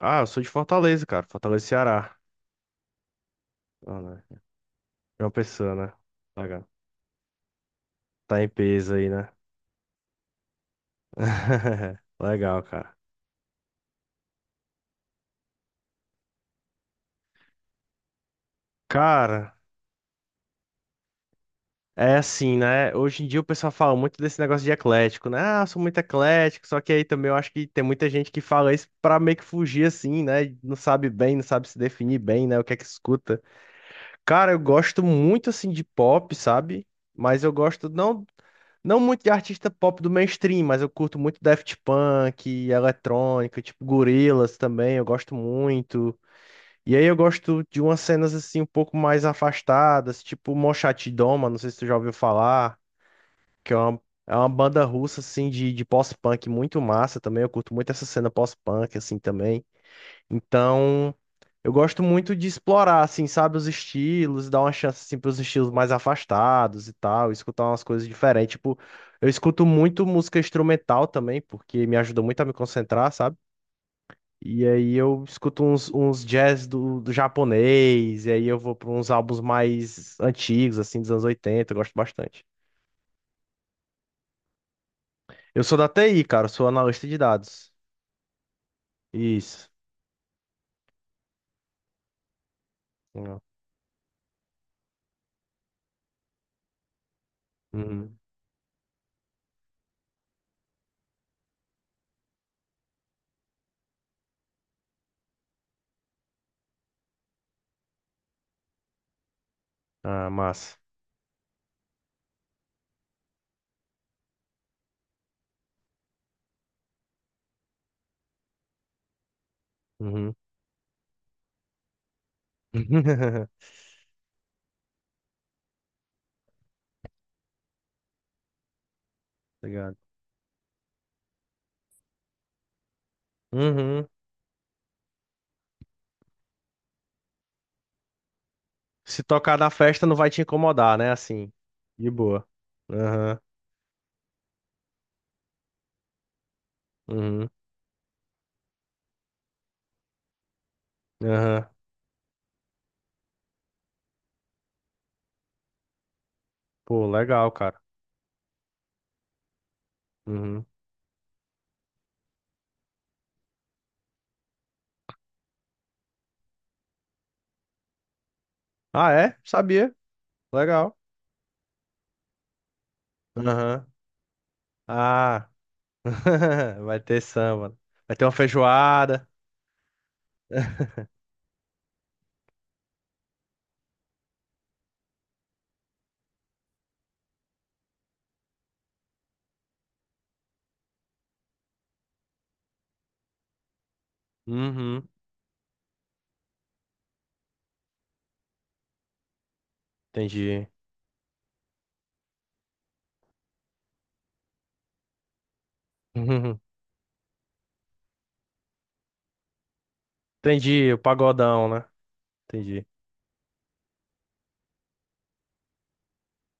Ah, eu sou de Fortaleza, cara. Fortaleza, Ceará. Ah, né? É uma pessoa, né? Legal. Tá em peso aí, né? Legal, cara. Cara, é assim, né? Hoje em dia o pessoal fala muito desse negócio de eclético, né? Ah, eu sou muito eclético, só que aí também eu acho que tem muita gente que fala isso pra meio que fugir assim, né? E não sabe bem, não sabe se definir bem, né? O que é que escuta. Cara, eu gosto muito assim de pop, sabe? Mas eu gosto não, não muito de artista pop do mainstream, mas eu curto muito Daft Punk, eletrônica, tipo Gorillaz também, eu gosto muito. E aí eu gosto de umas cenas assim um pouco mais afastadas, tipo Mochate Doma, não sei se tu já ouviu falar que é uma banda russa, assim, de pós-punk muito massa também. Eu curto muito essa cena pós-punk, assim, também. Então, eu gosto muito de explorar, assim, sabe, os estilos, dar uma chance, assim, pros estilos mais afastados e tal, escutar umas coisas diferentes. Tipo, eu escuto muito música instrumental também, porque me ajuda muito a me concentrar, sabe? E aí eu escuto uns jazz do japonês, e aí eu vou para uns álbuns mais antigos, assim, dos anos 80 eu gosto bastante. Eu sou da TI, cara, eu sou analista de dados. Isso. Legal. Uhum. Ah, massa. Uhum. Obrigado. Uhum. Se tocar na festa não vai te incomodar, né? Assim. De boa. Aham. Uhum. Aham. Pô, legal, cara. Uhum. Ah, é? Sabia. Legal. Aham. Ah. Vai ter samba. Vai ter uma feijoada. Uhum. Entendi. Uhum. Entendi. O pagodão, né? Entendi.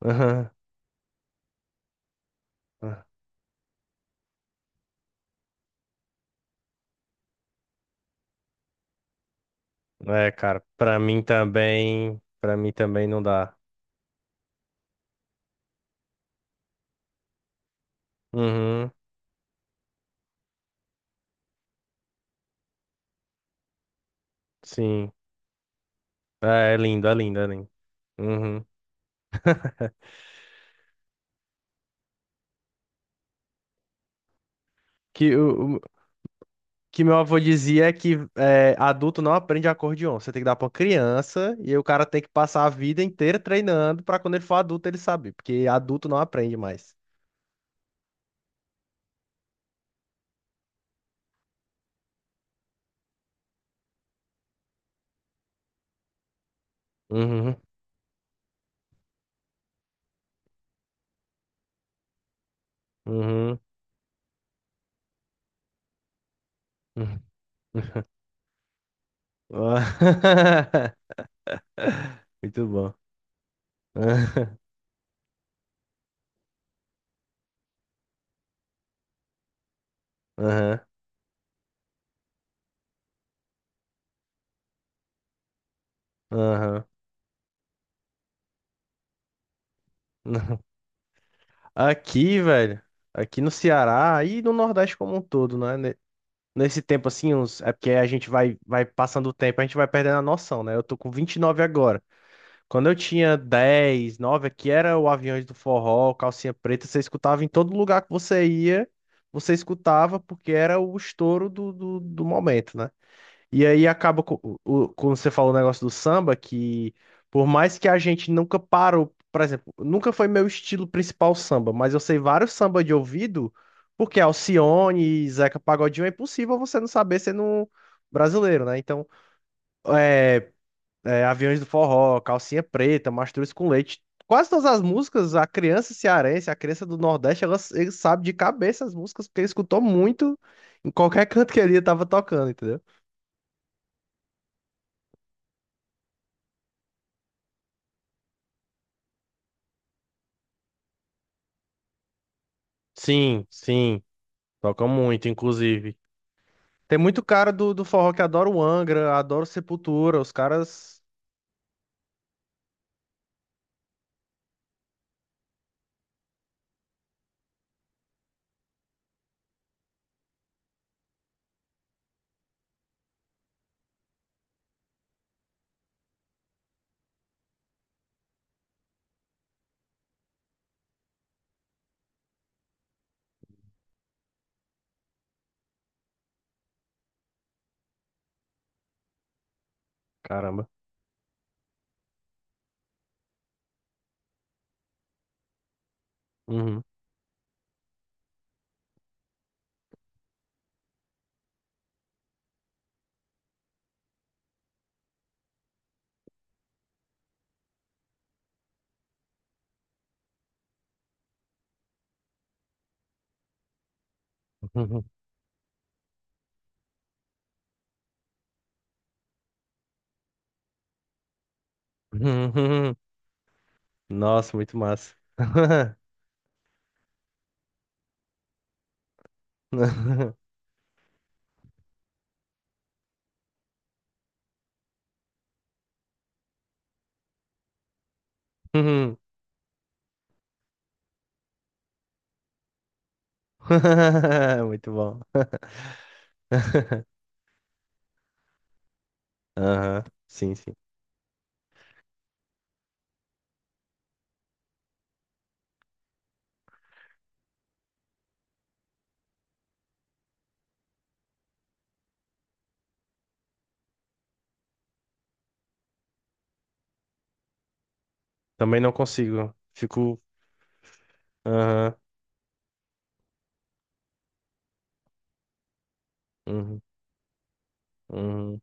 Aham. É, cara, pra mim também não dá. Uhum, sim. É, é lindo, é lindo, é lindo. Uhum. Que que meu avô dizia é que é, adulto não aprende acordeon. Você tem que dar pra uma criança e aí o cara tem que passar a vida inteira treinando pra quando ele for adulto ele saber, porque adulto não aprende mais. Uhum, uhum. Uhum. Muito bom. Aham, aham. Aham. Aqui, velho, aqui no Ceará e no Nordeste como um todo, né? Nesse tempo, assim, uns... é porque a gente vai, vai passando o tempo, a gente vai perdendo a noção, né? Eu tô com 29 agora. Quando eu tinha 10, 9, aqui era o Aviões do Forró, Calcinha Preta, você escutava em todo lugar que você ia, você escutava porque era o estouro do momento, né? E aí acaba, quando você falou o negócio do samba, que por mais que a gente nunca parou, por exemplo, nunca foi meu estilo principal samba, mas eu sei vários samba de ouvido, porque Alcione e Zeca Pagodinho é impossível você não saber sendo um brasileiro, né? Então, é, é, Aviões do Forró, Calcinha Preta, Mastruz com Leite, quase todas as músicas, a criança cearense, a criança do Nordeste, ela, ele sabe de cabeça as músicas, porque ele escutou muito em qualquer canto que ele estava tocando, entendeu? Sim, sim. Toca muito, inclusive. Tem muito cara do forró que adora o Angra, adora o Sepultura, os caras. Caramba. Uhum. Nossa, muito massa. Muito bom. Aham, sim, sim. Também não consigo. Fico. Aham, uhum, uhum.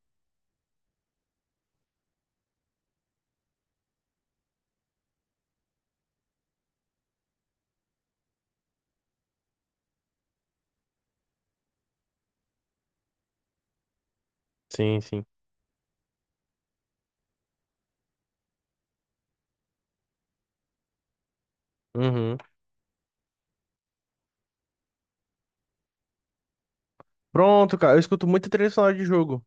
Sim, sim. Uhum. Pronto, cara. Eu escuto muito trilha sonora de jogo.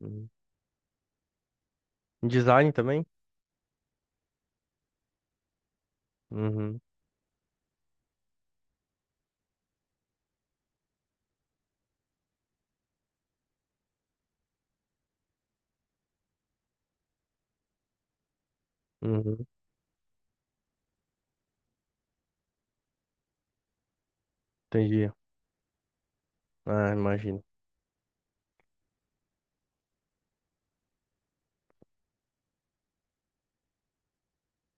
Uhum. Design também? Uhum, uhum. Entendi. Ah, imagino.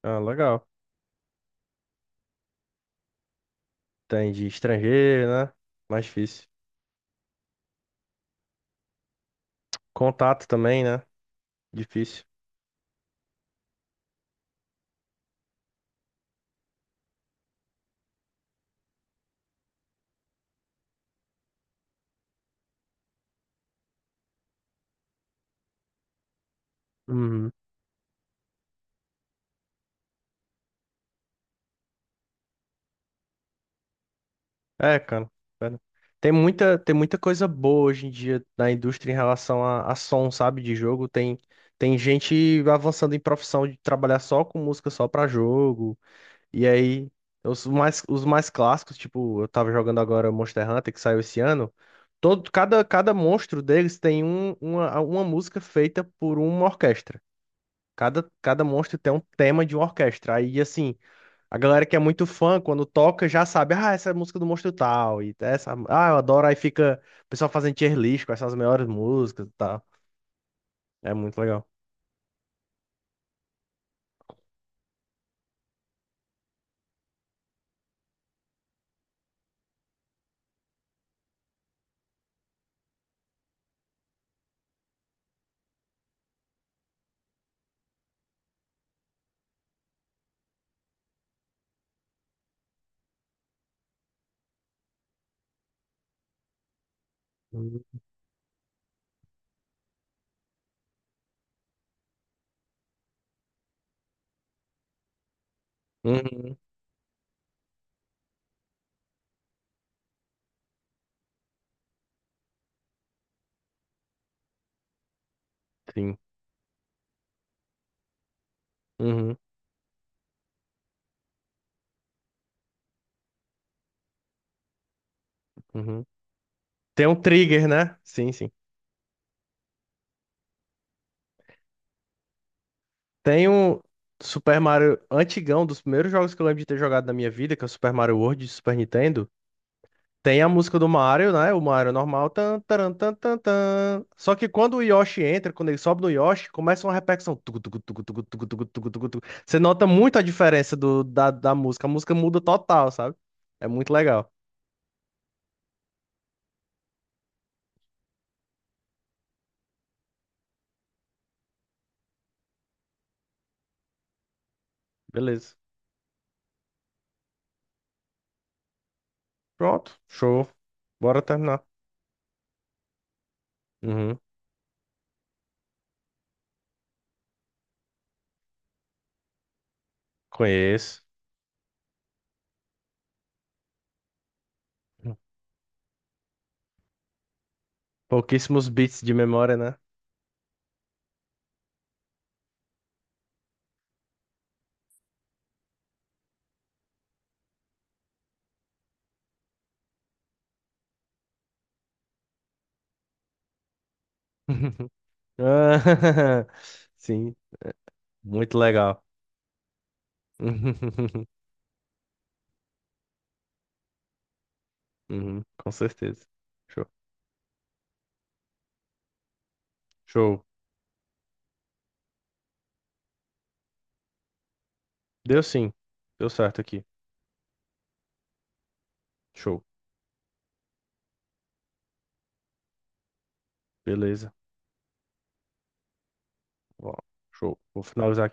Ah, legal. Tem de estrangeiro, né? Mais difícil. Contato também, né? Difícil. Uhum. É, cara. Pera. Tem muita coisa boa hoje em dia na indústria em relação a som, sabe? De jogo. Tem, tem gente avançando em profissão de trabalhar só com música, só pra jogo. E aí, os mais clássicos, tipo, eu tava jogando agora Monster Hunter, que saiu esse ano. Todo, cada monstro deles tem uma música feita por uma orquestra. Cada monstro tem um tema de uma orquestra. Aí, assim, a galera que é muito fã, quando toca, já sabe, ah, essa é a música do monstro tal, e essa, ah, eu adoro. Aí fica o pessoal fazendo tier list com essas melhores músicas e tal. É muito legal. Uhum. Uhum. Sim. Uhum. Uhum. Tem um trigger, né? Sim, sim. Tem um Super Mario antigão, dos primeiros jogos que eu lembro de ter jogado na minha vida, que é o Super Mario World de Super Nintendo. Tem a música do Mario, né? O Mario normal. Tan, taran, tan, tan, tan. Só que quando o Yoshi entra, quando ele sobe no Yoshi, começa uma repercussão. Tucu, tucu, tucu, tucu, tucu, tucu, tucu, tucu, tucu. Você nota muito a diferença da música. A música muda total, sabe? É muito legal. Beleza. Pronto. Show. Bora terminar. Uhum. Conheço. Pouquíssimos bits de memória, né? Ah, sim. Muito legal. Uhum, com certeza. Show. Show. Deu sim. Deu certo aqui. Show. Beleza. Ó, show. Vou finalizar aqui